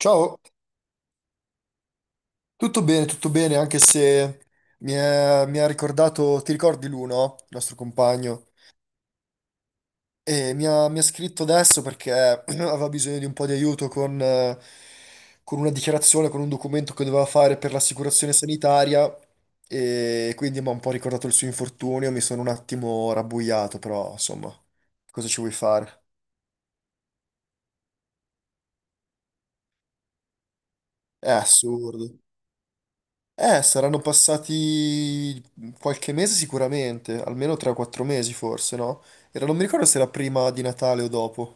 Ciao, tutto bene, anche se mi ha ricordato, ti ricordi Luno, il nostro compagno? E mi ha scritto adesso perché aveva bisogno di un po' di aiuto con una dichiarazione, con un documento che doveva fare per l'assicurazione sanitaria e quindi mi ha un po' ricordato il suo infortunio, mi sono un attimo rabbuiato, però insomma, cosa ci vuoi fare? È assurdo. Saranno passati qualche mese sicuramente, almeno 3-4 mesi forse, no? Era, non mi ricordo se era prima di Natale o dopo.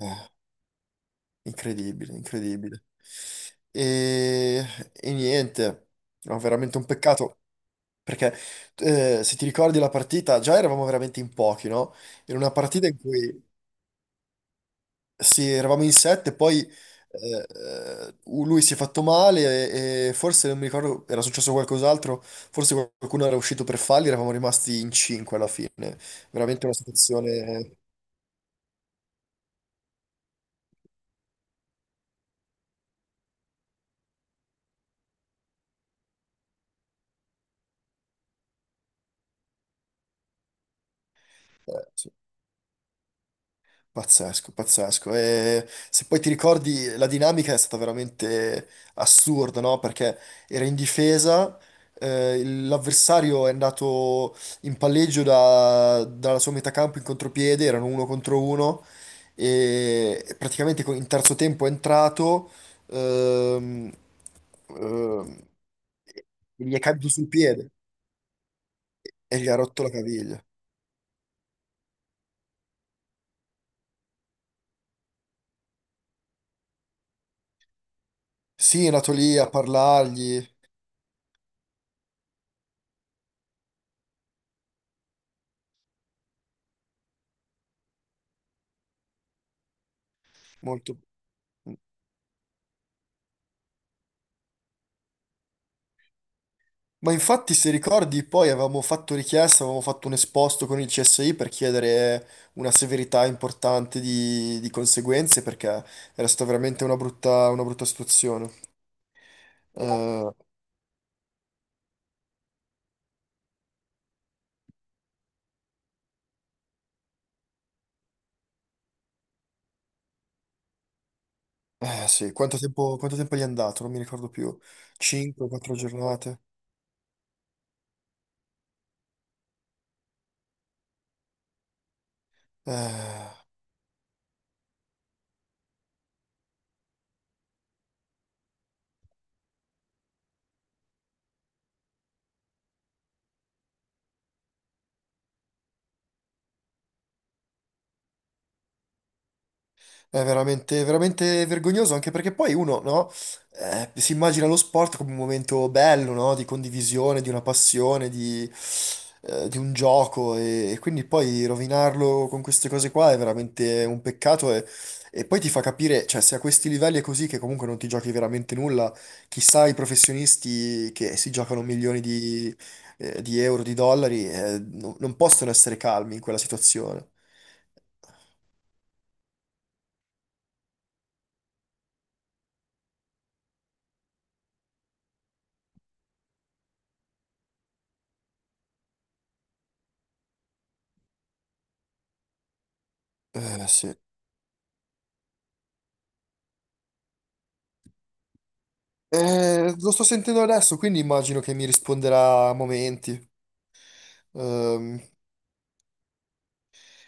Eh, Incredibile, incredibile. E, e niente, no, veramente un peccato. Perché se ti ricordi la partita, già eravamo veramente in pochi, no? Era una partita in cui. Sì, eravamo in sette, poi lui si è fatto male e forse non mi ricordo, era successo qualcos'altro, forse qualcuno era uscito per falli, eravamo rimasti in cinque alla fine. Veramente una situazione... Eh, sì. Pazzesco, pazzesco. E se poi ti ricordi, la dinamica è stata veramente assurda, no? Perché era in difesa, l'avversario è andato in palleggio dalla sua metà campo in contropiede, erano uno contro uno, e praticamente in terzo tempo è entrato, ehm, ehm, e gli è caduto sul piede e gli ha rotto la caviglia. Sì, è andato lì a parlargli, molto... Ma infatti, se ricordi, poi avevamo fatto richiesta, avevamo fatto un esposto con il CSI per chiedere una severità importante di conseguenze, perché era stata veramente una brutta situazione. Eh, sì, quanto tempo gli è andato? Non mi ricordo più. 5, 4 giornate. Eh. È veramente, veramente vergognoso, anche perché poi uno, no, si immagina lo sport come un momento bello, no, di condivisione, di una passione, di un gioco, e quindi poi rovinarlo con queste cose qua è veramente un peccato e poi ti fa capire, cioè, se a questi livelli è così che comunque non ti giochi veramente nulla, chissà i professionisti che si giocano milioni di euro, di dollari, non possono essere calmi in quella situazione. Sì. Lo sto sentendo adesso, quindi immagino che mi risponderà a momenti. Ehm,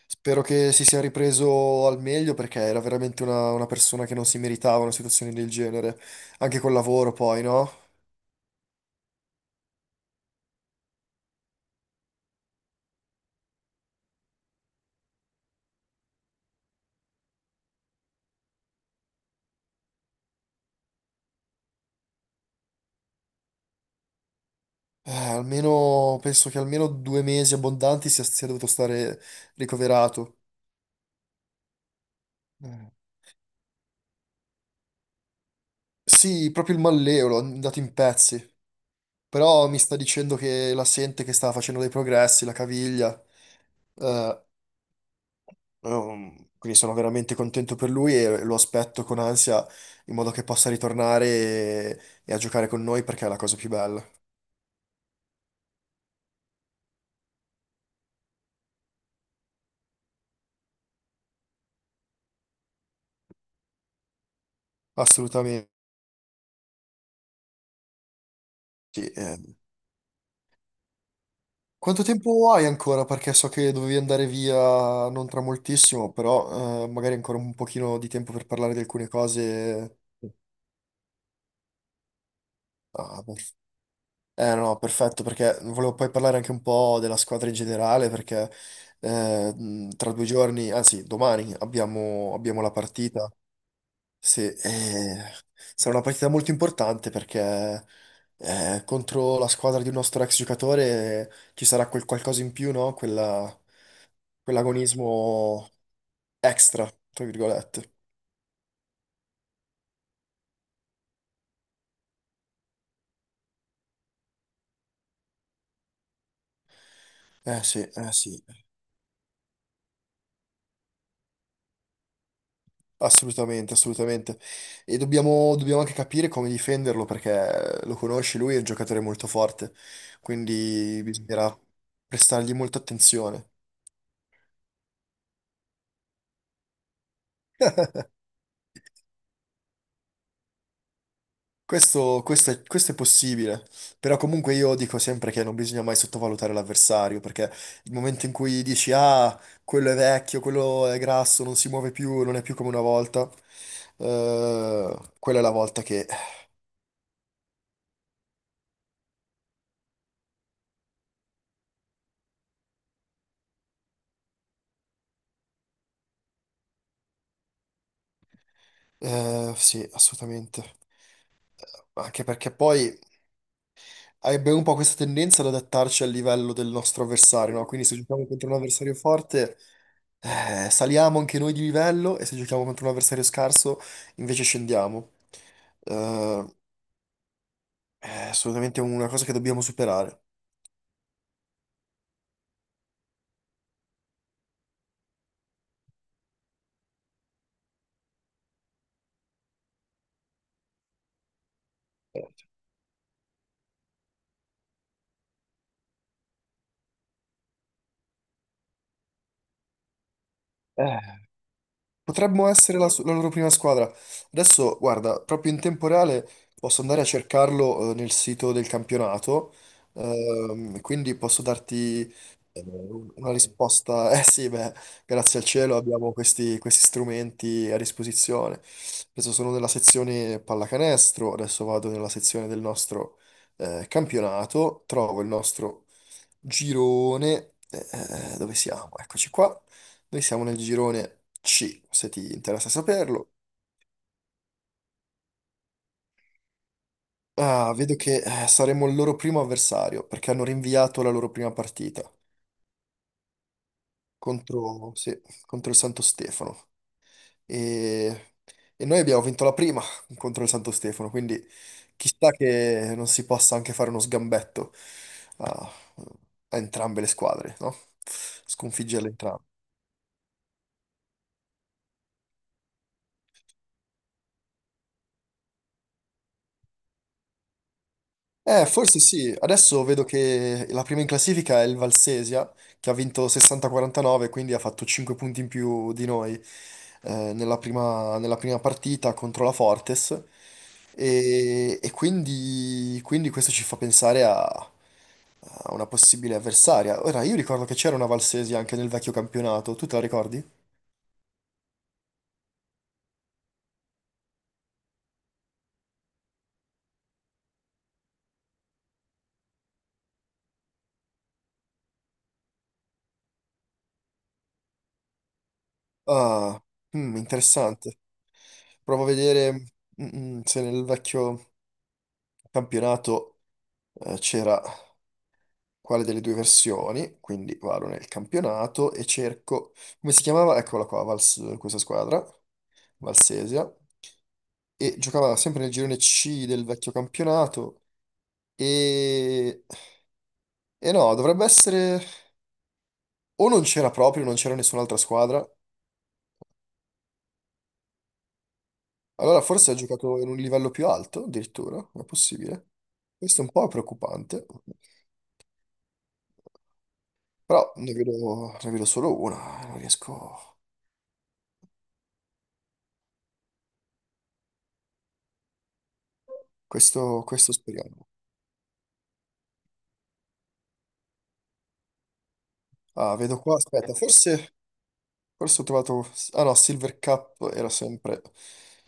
Spero che si sia ripreso al meglio perché era veramente una persona che non si meritava una situazione del genere, anche col lavoro poi, no? Almeno, penso che almeno 2 mesi abbondanti sia dovuto stare ricoverato. Mm. Sì, proprio il malleolo, è andato in pezzi, però mi sta dicendo che la sente che sta facendo dei progressi, la caviglia. Eh, quindi sono veramente contento per lui e lo aspetto con ansia in modo che possa ritornare e a giocare con noi perché è la cosa più bella. Assolutamente. Sì. Quanto tempo hai ancora? Perché so che dovevi andare via non tra moltissimo, però magari ancora un pochino di tempo per parlare di alcune cose. Ah, per- Eh no, perfetto, perché volevo poi parlare anche un po' della squadra in generale, perché tra 2 giorni, anzi domani, abbiamo la partita. Sì, sarà una partita molto importante perché contro la squadra di un nostro ex giocatore ci sarà quel qualcosa in più, no? Quell'agonismo extra, tra virgolette. Sì, eh sì, assolutamente, assolutamente. E dobbiamo anche capire come difenderlo perché lo conosci, lui è un giocatore molto forte, quindi bisognerà prestargli molta attenzione. Questo è possibile, però comunque io dico sempre che non bisogna mai sottovalutare l'avversario, perché il momento in cui dici ah, quello è vecchio, quello è grasso, non si muove più, non è più come una volta, quella è la volta che... Eh, sì, assolutamente. Anche perché poi abbiamo un po' questa tendenza ad adattarci al livello del nostro avversario, no? Quindi se giochiamo contro un avversario forte, saliamo anche noi di livello e se giochiamo contro un avversario scarso, invece scendiamo. Eh, è assolutamente una cosa che dobbiamo superare. Eh. Potremmo essere la loro prima squadra. Adesso, guarda, proprio in tempo reale posso andare a cercarlo nel sito del campionato, quindi posso darti una risposta. Eh sì, beh, grazie al cielo abbiamo questi strumenti a disposizione. Adesso sono nella sezione pallacanestro, adesso vado nella sezione del nostro campionato, trovo il nostro girone. Dove siamo? Eccoci qua. Noi siamo nel girone C, se ti interessa saperlo. Ah, vedo che saremo il loro primo avversario, perché hanno rinviato la loro prima partita sì, contro il Santo Stefano. E, e noi abbiamo vinto la prima contro il Santo Stefano, quindi chissà che non si possa anche fare uno sgambetto a, a entrambe le squadre, no? Sconfiggerle entrambe. Forse sì. Adesso vedo che la prima in classifica è il Valsesia, che ha vinto 60-49, quindi ha fatto 5 punti in più di noi nella nella prima partita contro la Fortes. Quindi questo ci fa pensare a una possibile avversaria. Ora, io ricordo che c'era una Valsesia anche nel vecchio campionato. Tu te la ricordi? Ah, interessante. Provo a vedere mm, se nel vecchio campionato c'era. Quale delle due versioni, quindi vado nel campionato e cerco, come si chiamava? Eccola qua, questa squadra, Valsesia, e giocava sempre nel girone C del vecchio campionato e, e no, dovrebbe essere o non c'era proprio, non c'era nessun'altra squadra, allora forse ha giocato in un livello più alto addirittura, è possibile. Questo è un po' preoccupante, però ne vedo solo una, non riesco... Questo speriamo. Ah, vedo qua, aspetta, forse ho trovato... Ah no, Silver Cup era sempre...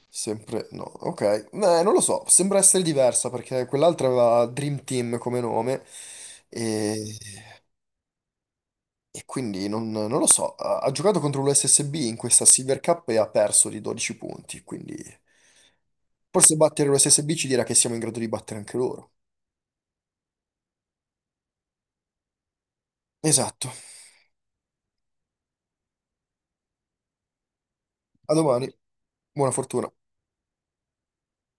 Sempre... No, ok. Non lo so, sembra essere diversa perché quell'altra aveva Dream Team come nome e, e quindi non lo so. Ha giocato contro l'USSB in questa Silver Cup e ha perso di 12 punti, quindi forse battere l'USSB ci dirà che siamo in grado di battere anche loro. Esatto. A domani. Buona fortuna.